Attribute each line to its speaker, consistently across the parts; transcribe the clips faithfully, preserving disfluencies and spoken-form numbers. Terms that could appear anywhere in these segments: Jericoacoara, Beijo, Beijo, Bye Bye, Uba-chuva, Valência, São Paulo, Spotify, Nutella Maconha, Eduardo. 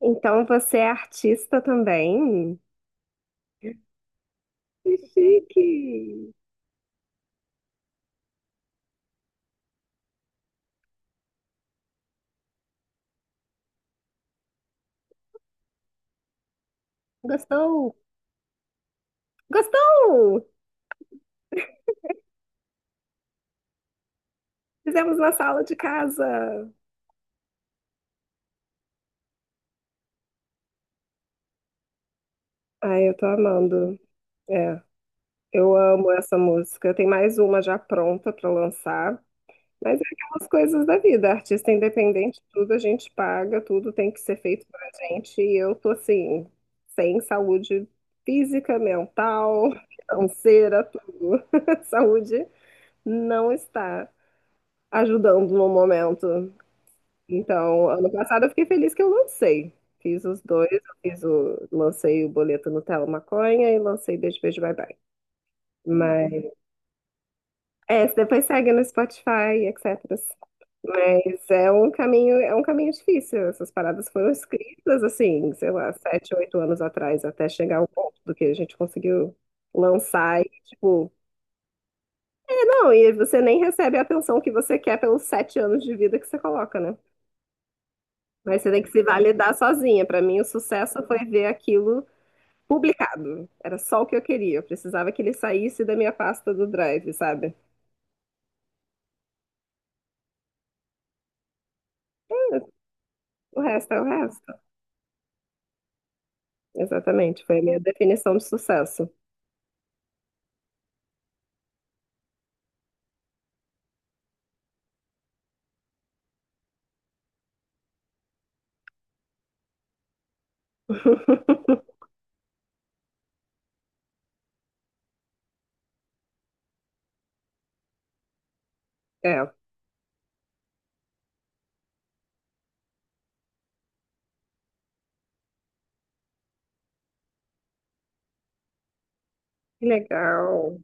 Speaker 1: Então você é artista também? Que chique! Gostou? Gostou? Fizemos na sala de casa. Ai, eu tô amando. É, eu amo essa música. Tem mais uma já pronta pra lançar. Mas é aquelas coisas da vida. Artista independente, tudo a gente paga, tudo tem que ser feito pra gente. E eu tô assim, sem saúde física, mental, financeira, tudo. Saúde não está. ajudando no momento. Então, ano passado eu fiquei feliz que eu lancei. Fiz os dois, eu fiz o, lancei o boleto Nutella Maconha e lancei Beijo, Beijo, Bye Bye. Mas, é, você depois segue no Spotify, etecetera. Mas é um caminho, é um caminho difícil. Essas paradas foram escritas, assim, sei lá, sete, oito anos atrás, até chegar ao ponto do que a gente conseguiu lançar e, tipo, é, não, e você nem recebe a atenção que você quer pelos sete anos de vida que você coloca, né? Mas você tem que se validar sozinha. Para mim, o sucesso foi ver aquilo publicado. Era só o que eu queria. Eu precisava que ele saísse da minha pasta do Drive, sabe? O resto é o resto. Exatamente. Foi a minha definição de sucesso. É. Que legal.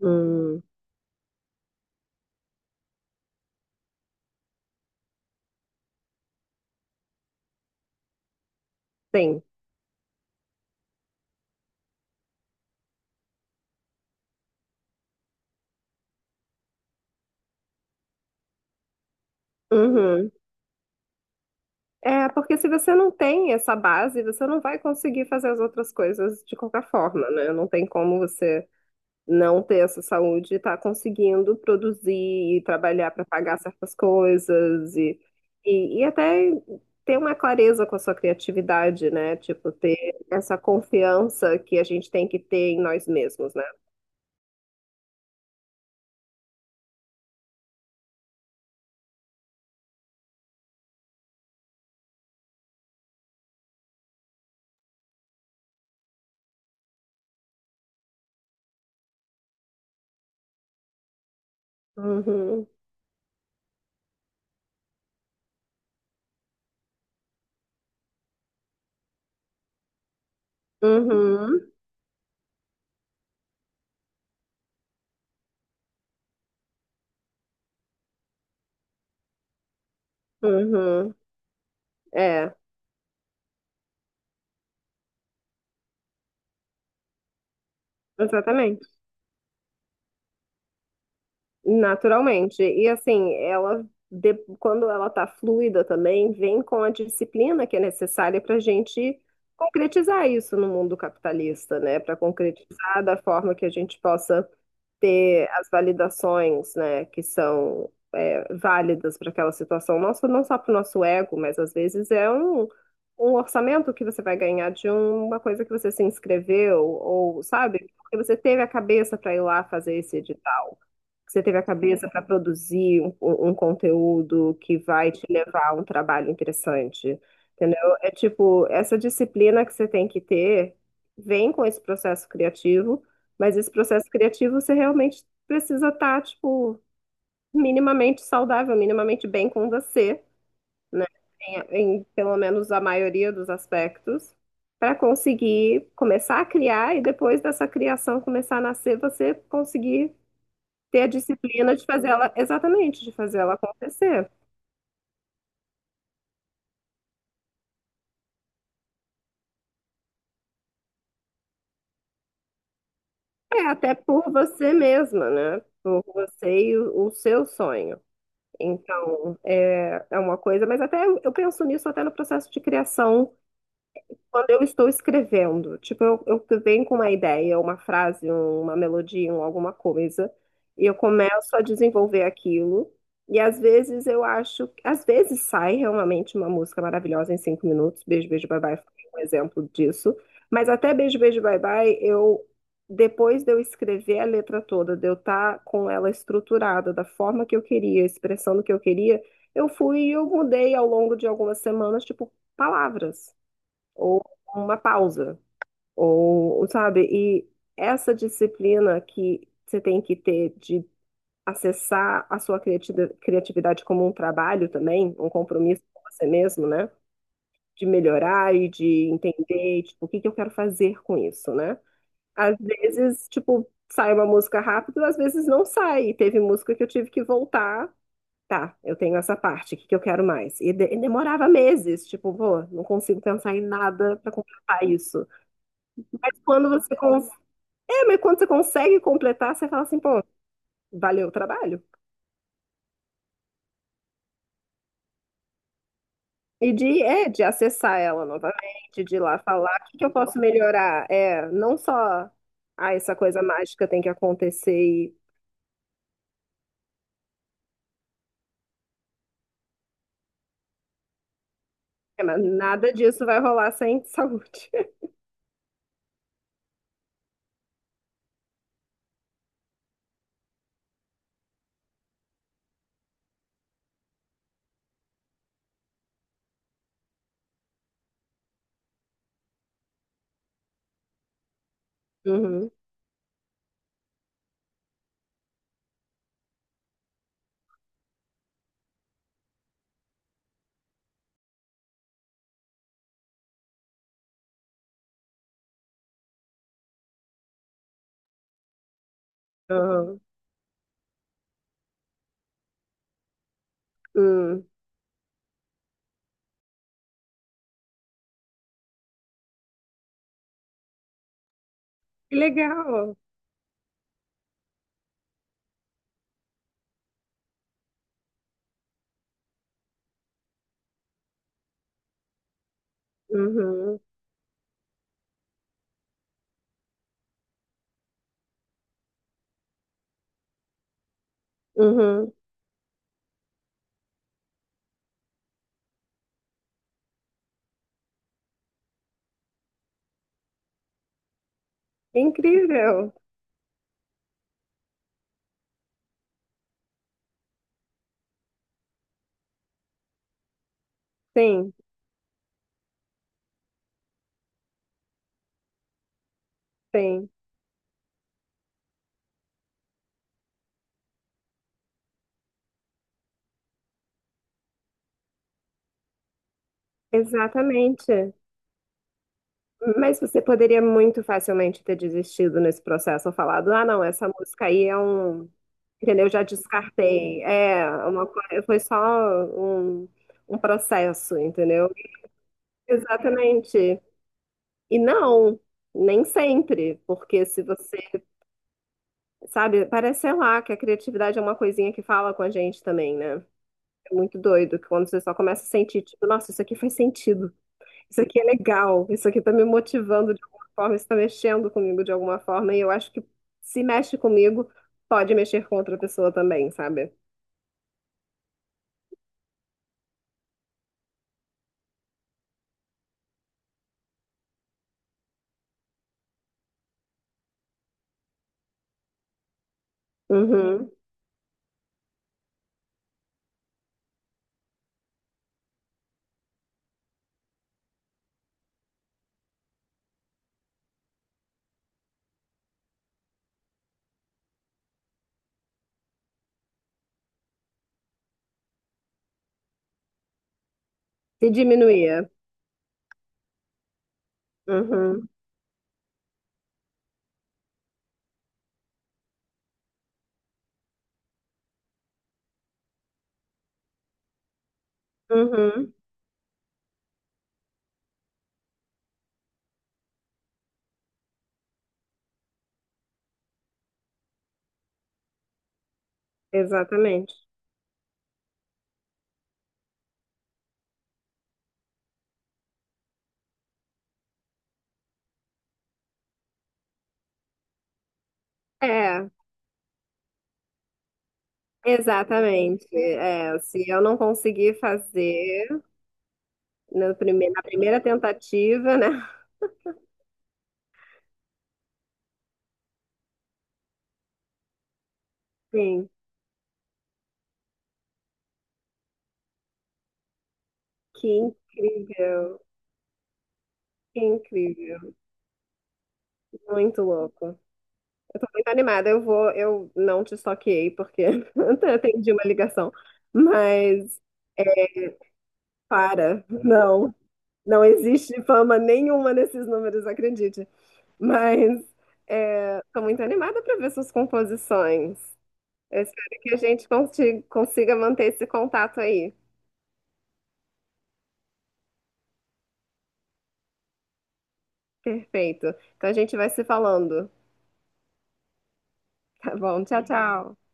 Speaker 1: Hum, sim. Uhum. É, porque se você não tem essa base, você não vai conseguir fazer as outras coisas de qualquer forma, né? Não tem como você não ter essa saúde e tá conseguindo produzir e trabalhar para pagar certas coisas e, e, e até ter uma clareza com a sua criatividade, né? Tipo, ter essa confiança que a gente tem que ter em nós mesmos, né? Uhum, uhum, uhum. É, exatamente. Naturalmente. E assim, ela de- quando ela está fluida também, vem com a disciplina que é necessária para a gente concretizar isso no mundo capitalista, né? Para concretizar da forma que a gente possa ter as validações, né, que são é, válidas para aquela situação nossa, não só para o nosso ego, mas às vezes é um, um orçamento que você vai ganhar de uma coisa que você se inscreveu, ou sabe, porque você teve a cabeça para ir lá fazer esse edital. Você teve a cabeça para produzir um, um conteúdo que vai te levar a um trabalho interessante, entendeu? É tipo, essa disciplina que você tem que ter vem com esse processo criativo, mas esse processo criativo você realmente precisa estar, tipo, minimamente saudável, minimamente bem com você, né? Em, em pelo menos a maioria dos aspectos, para conseguir começar a criar e depois dessa criação começar a nascer, você conseguir ter a disciplina de fazer ela, exatamente, de fazer ela acontecer. É, até por você mesma, né? Por você e o, o seu sonho. Então, é, é uma coisa, mas até eu eu penso nisso até no processo de criação quando eu estou escrevendo. Tipo, eu, eu venho com uma ideia, uma frase, um- uma melodia, um, alguma coisa, e eu começo a desenvolver aquilo. E às vezes eu acho, às vezes sai realmente uma música maravilhosa em cinco minutos. Beijo, beijo, bye bye foi um exemplo disso. Mas até beijo, beijo, bye bye, eu depois de eu escrever a letra toda, de eu estar com ela estruturada da forma que eu queria, expressando o que eu queria, eu fui e eu mudei ao longo de algumas semanas, tipo, palavras ou uma pausa, ou, ou, sabe? E essa disciplina que você tem que ter de acessar a sua criati- criatividade como um trabalho também, um compromisso com você mesmo, né? De melhorar e de entender, tipo, o que que eu quero fazer com isso, né? Às vezes, tipo, sai uma música rápido, às vezes não sai. E teve música que eu tive que voltar. Tá, eu tenho essa parte, o que que eu quero mais? E, de- e demorava meses, tipo, pô, não consigo pensar em nada pra completar isso. Mas quando você consegue. É, mas quando você consegue completar, você fala assim, pô, valeu o trabalho. E de, é, de acessar ela novamente, de ir lá falar, o que que eu posso melhorar? É, não só, ah, essa coisa mágica tem que acontecer e... É, mas nada disso vai rolar sem saúde. Uhum, uhum, uhum. Que legal. Uhum, uhum. Incrível. Sim, sim. Exatamente. Mas você poderia muito facilmente ter desistido nesse processo, ou falado, ah, não, essa música aí é um, entendeu? Eu já descartei. É uma coisa, foi só um, um processo, entendeu? Exatamente. E não, nem sempre, porque se você, sabe, parece, sei lá, que a criatividade é uma coisinha que fala com a gente também, né? É muito doido que quando você só começa a sentir, tipo, nossa, isso aqui faz sentido. Isso aqui é legal, isso aqui está me motivando de alguma forma, isso está mexendo comigo de alguma forma, e eu acho que se mexe comigo, pode mexer com outra pessoa também, sabe? Uhum. Se diminuía. Uhum. Uhum. Exatamente. É, exatamente. É, se eu não conseguir fazer no prime- na primeira tentativa, né? Sim, que incrível, que incrível, muito louco. Eu tô muito animada. Eu vou, eu não te stalkeei porque eu atendi uma ligação, mas é, para, não, não existe fama nenhuma nesses números, acredite. Mas é, tô muito animada para ver suas composições. Eu espero que a gente conti- consiga manter esse contato aí. Perfeito. Então a gente vai se falando, tá bom? Tchau, tchau.